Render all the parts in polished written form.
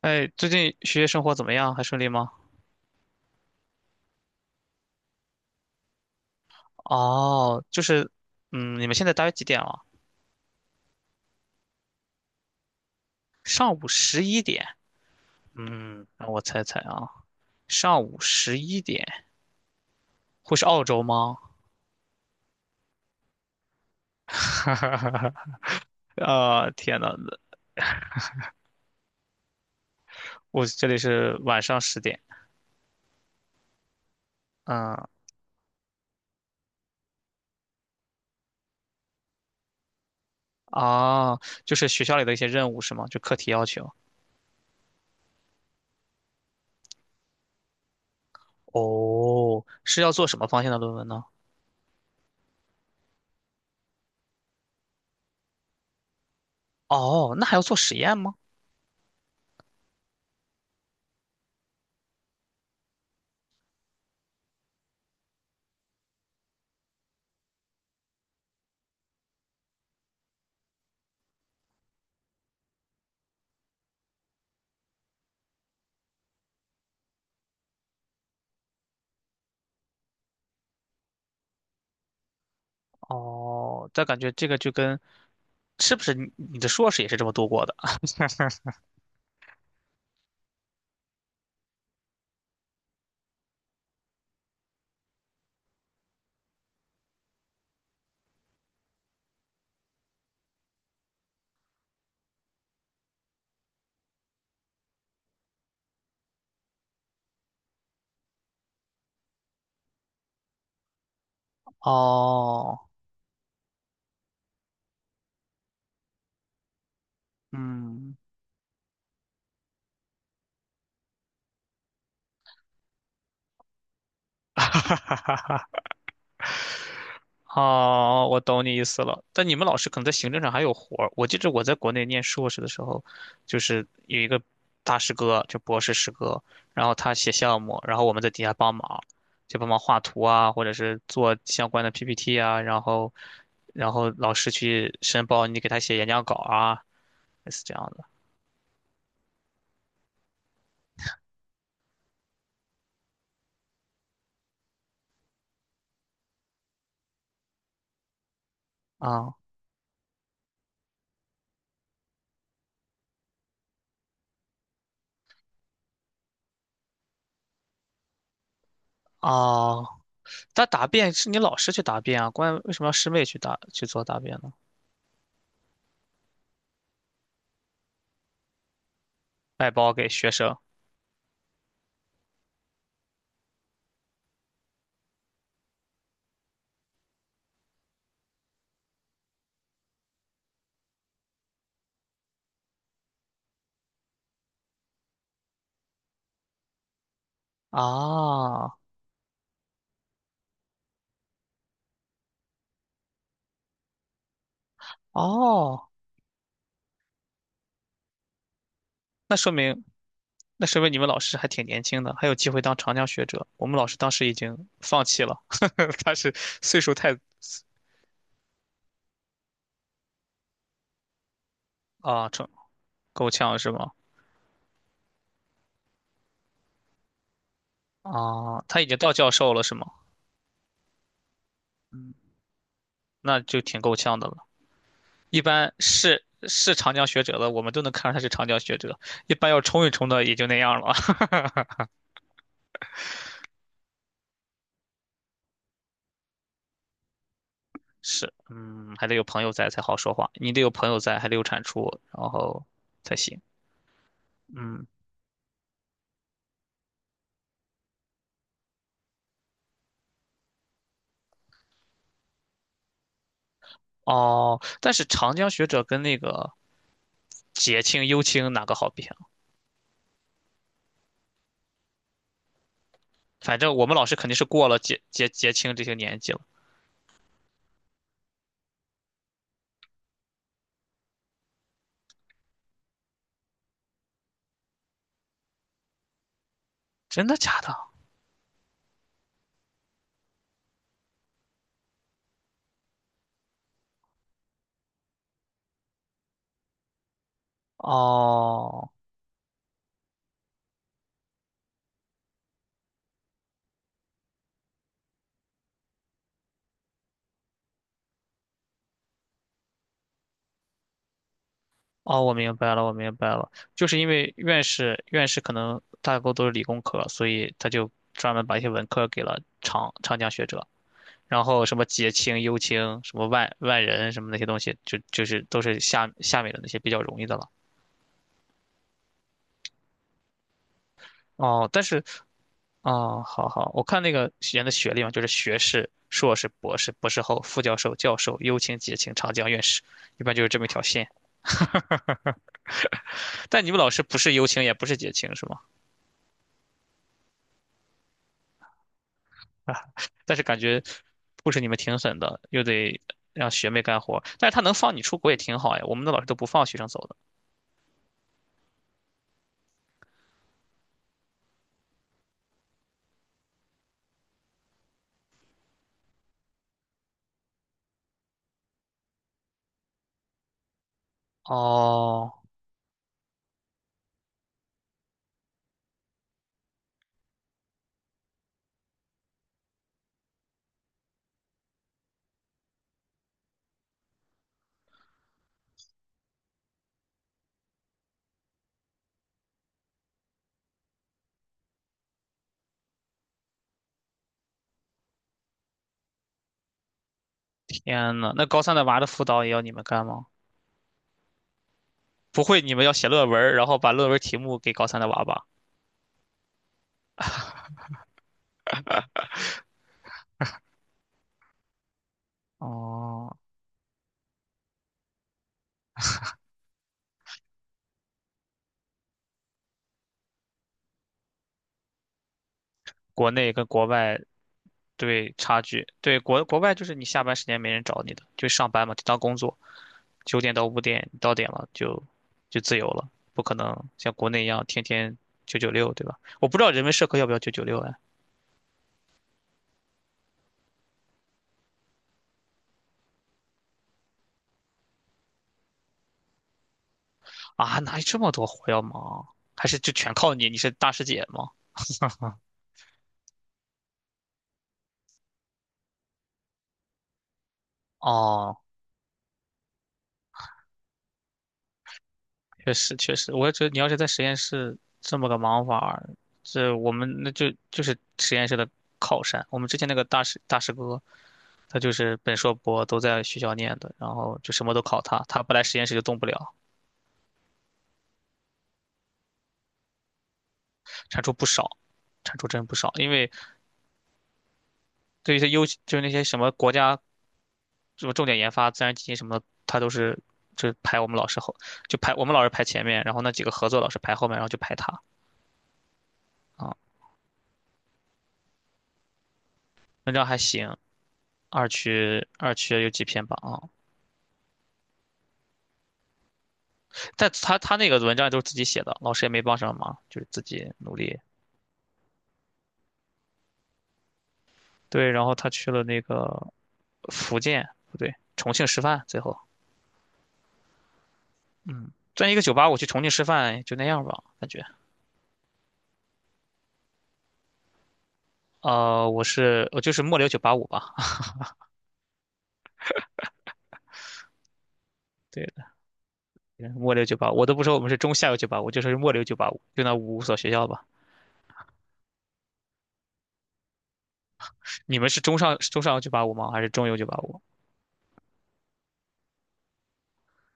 哎，最近学业生活怎么样？还顺利吗？哦，就是，你们现在大约几点了？上午十一点。让我猜猜啊，上午十一点会是澳洲吗？哈哈哈哈！啊，天呐，我这里是晚上10点。嗯，啊，就是学校里的一些任务是吗？就课题要求。哦，是要做什么方向的论文呢？哦，那还要做实验吗？哦，但感觉这个就跟，是不是你的硕士也是这么度过的？哦，嗯，哈哈哈哈，哦，我懂你意思了。但你们老师可能在行政上还有活儿。我记着我在国内念硕士的时候，就是有一个大师哥，就博士师哥，然后他写项目，然后我们在底下帮忙，就帮忙画图啊，或者是做相关的 PPT 啊，然后老师去申报，你给他写演讲稿啊，类似这样的啊。哦，他答辩是你老师去答辩啊，关为什么要师妹去做答辩呢？外包给学生啊，哦，那说明那说明你们老师还挺年轻的，还有机会当长江学者。我们老师当时已经放弃了，他是岁数太啊，成够呛是吗？啊，他已经到教授了是吗？嗯，那就挺够呛的了。一般是长江学者的，我们都能看出他是长江学者。一般要冲一冲的也就那样了。是，嗯，还得有朋友在才好说话，你得有朋友在，还得有产出，然后才行。嗯，哦，但是长江学者跟那个结清、优青哪个好比啊？反正我们老师肯定是过了结清这些年纪了。真的假的？哦哦，我明白了，我明白了，就是因为院士可能大多都是理工科，所以他就专门把一些文科给了长江学者，然后什么结清、优青，什么万人什么那些东西，就是都是下面的那些比较容易的了。哦，但是哦，好好，我看那个学员的学历嘛，就是学士、硕士、博士、博士后、副教授、教授、优请、解请、长江院士，一般就是这么一条线。但你们老师不是优请，也不是解请，是吗？但是感觉不是你们挺狠的，又得让学妹干活。但是他能放你出国也挺好呀，我们的老师都不放学生走的。哦，天呐，那高三的娃的辅导也要你们干吗？不会，你们要写论文儿然后把论文题目给高三的娃吧？哦，国内跟国外对差距，对，国外就是你下班时间没人找你的，就上班嘛，就当工作，9点到5点，你到点了就自由了，不可能像国内一样天天九九六，对吧？我不知道人文社科要不要九九六哎？啊，哪有这么多活要忙？还是就全靠你？你是大师姐吗？哦，确实确实，我也觉得你要是在实验室这么个忙法儿，这我们那就是实验室的靠山。我们之前那个大师哥，他就是本硕博都在学校念的，然后就什么都考他，他不来实验室就动不了，产出不少，产出真不少。因为对于他优，就是那些什么国家什么重点研发、自然基金什么的，他都是就排我们老师后，就排我们老师排前面，然后那几个合作老师排后面，然后就排他啊。文章还行，二区有几篇吧啊，但他那个文章都是自己写的，老师也没帮什么忙，就是自己努力。对，然后他去了那个福建，不对，重庆师范，最后。嗯，转一个九八五去重庆吃饭就那样吧，感觉。我就是末流九八五吧，对，末流九八五，我都不说我们是中下游九八五，就说是末流九八五，就那五所学校吧。你们是中上游九八五吗？还是中游九八五？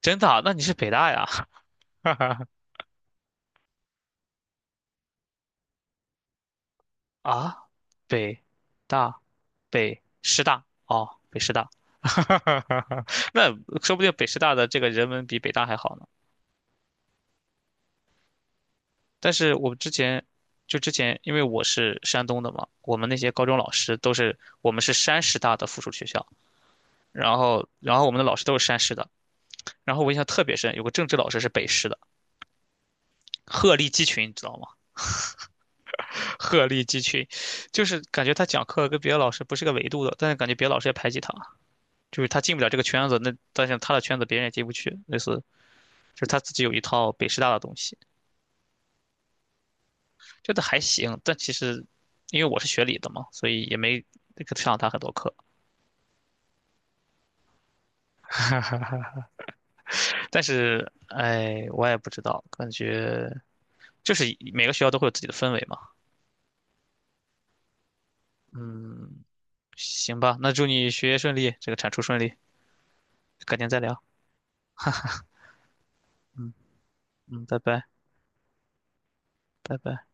真的啊，那你是北大呀？啊，北大北师大哦，北师大，那说不定北师大的这个人文比北大还好呢。但是我之前，因为我是山东的嘛，我们那些高中老师都是我们是山师大的附属学校，然后我们的老师都是山师的，然后我印象特别深，有个政治老师是北师的，鹤立鸡群，你知道吗？鹤立鸡群，就是感觉他讲课跟别的老师不是个维度的，但是感觉别的老师也排挤他，就是他进不了这个圈子，那但是他的圈子别人也进不去，类似就是他自己有一套北师大的东西，觉得还行，但其实因为我是学理的嘛，所以也没上他很多课。但是，哎，我也不知道，感觉就是每个学校都会有自己的氛围嘛。嗯，行吧，那祝你学业顺利，这个产出顺利，改天再聊。嗯，拜拜，拜拜。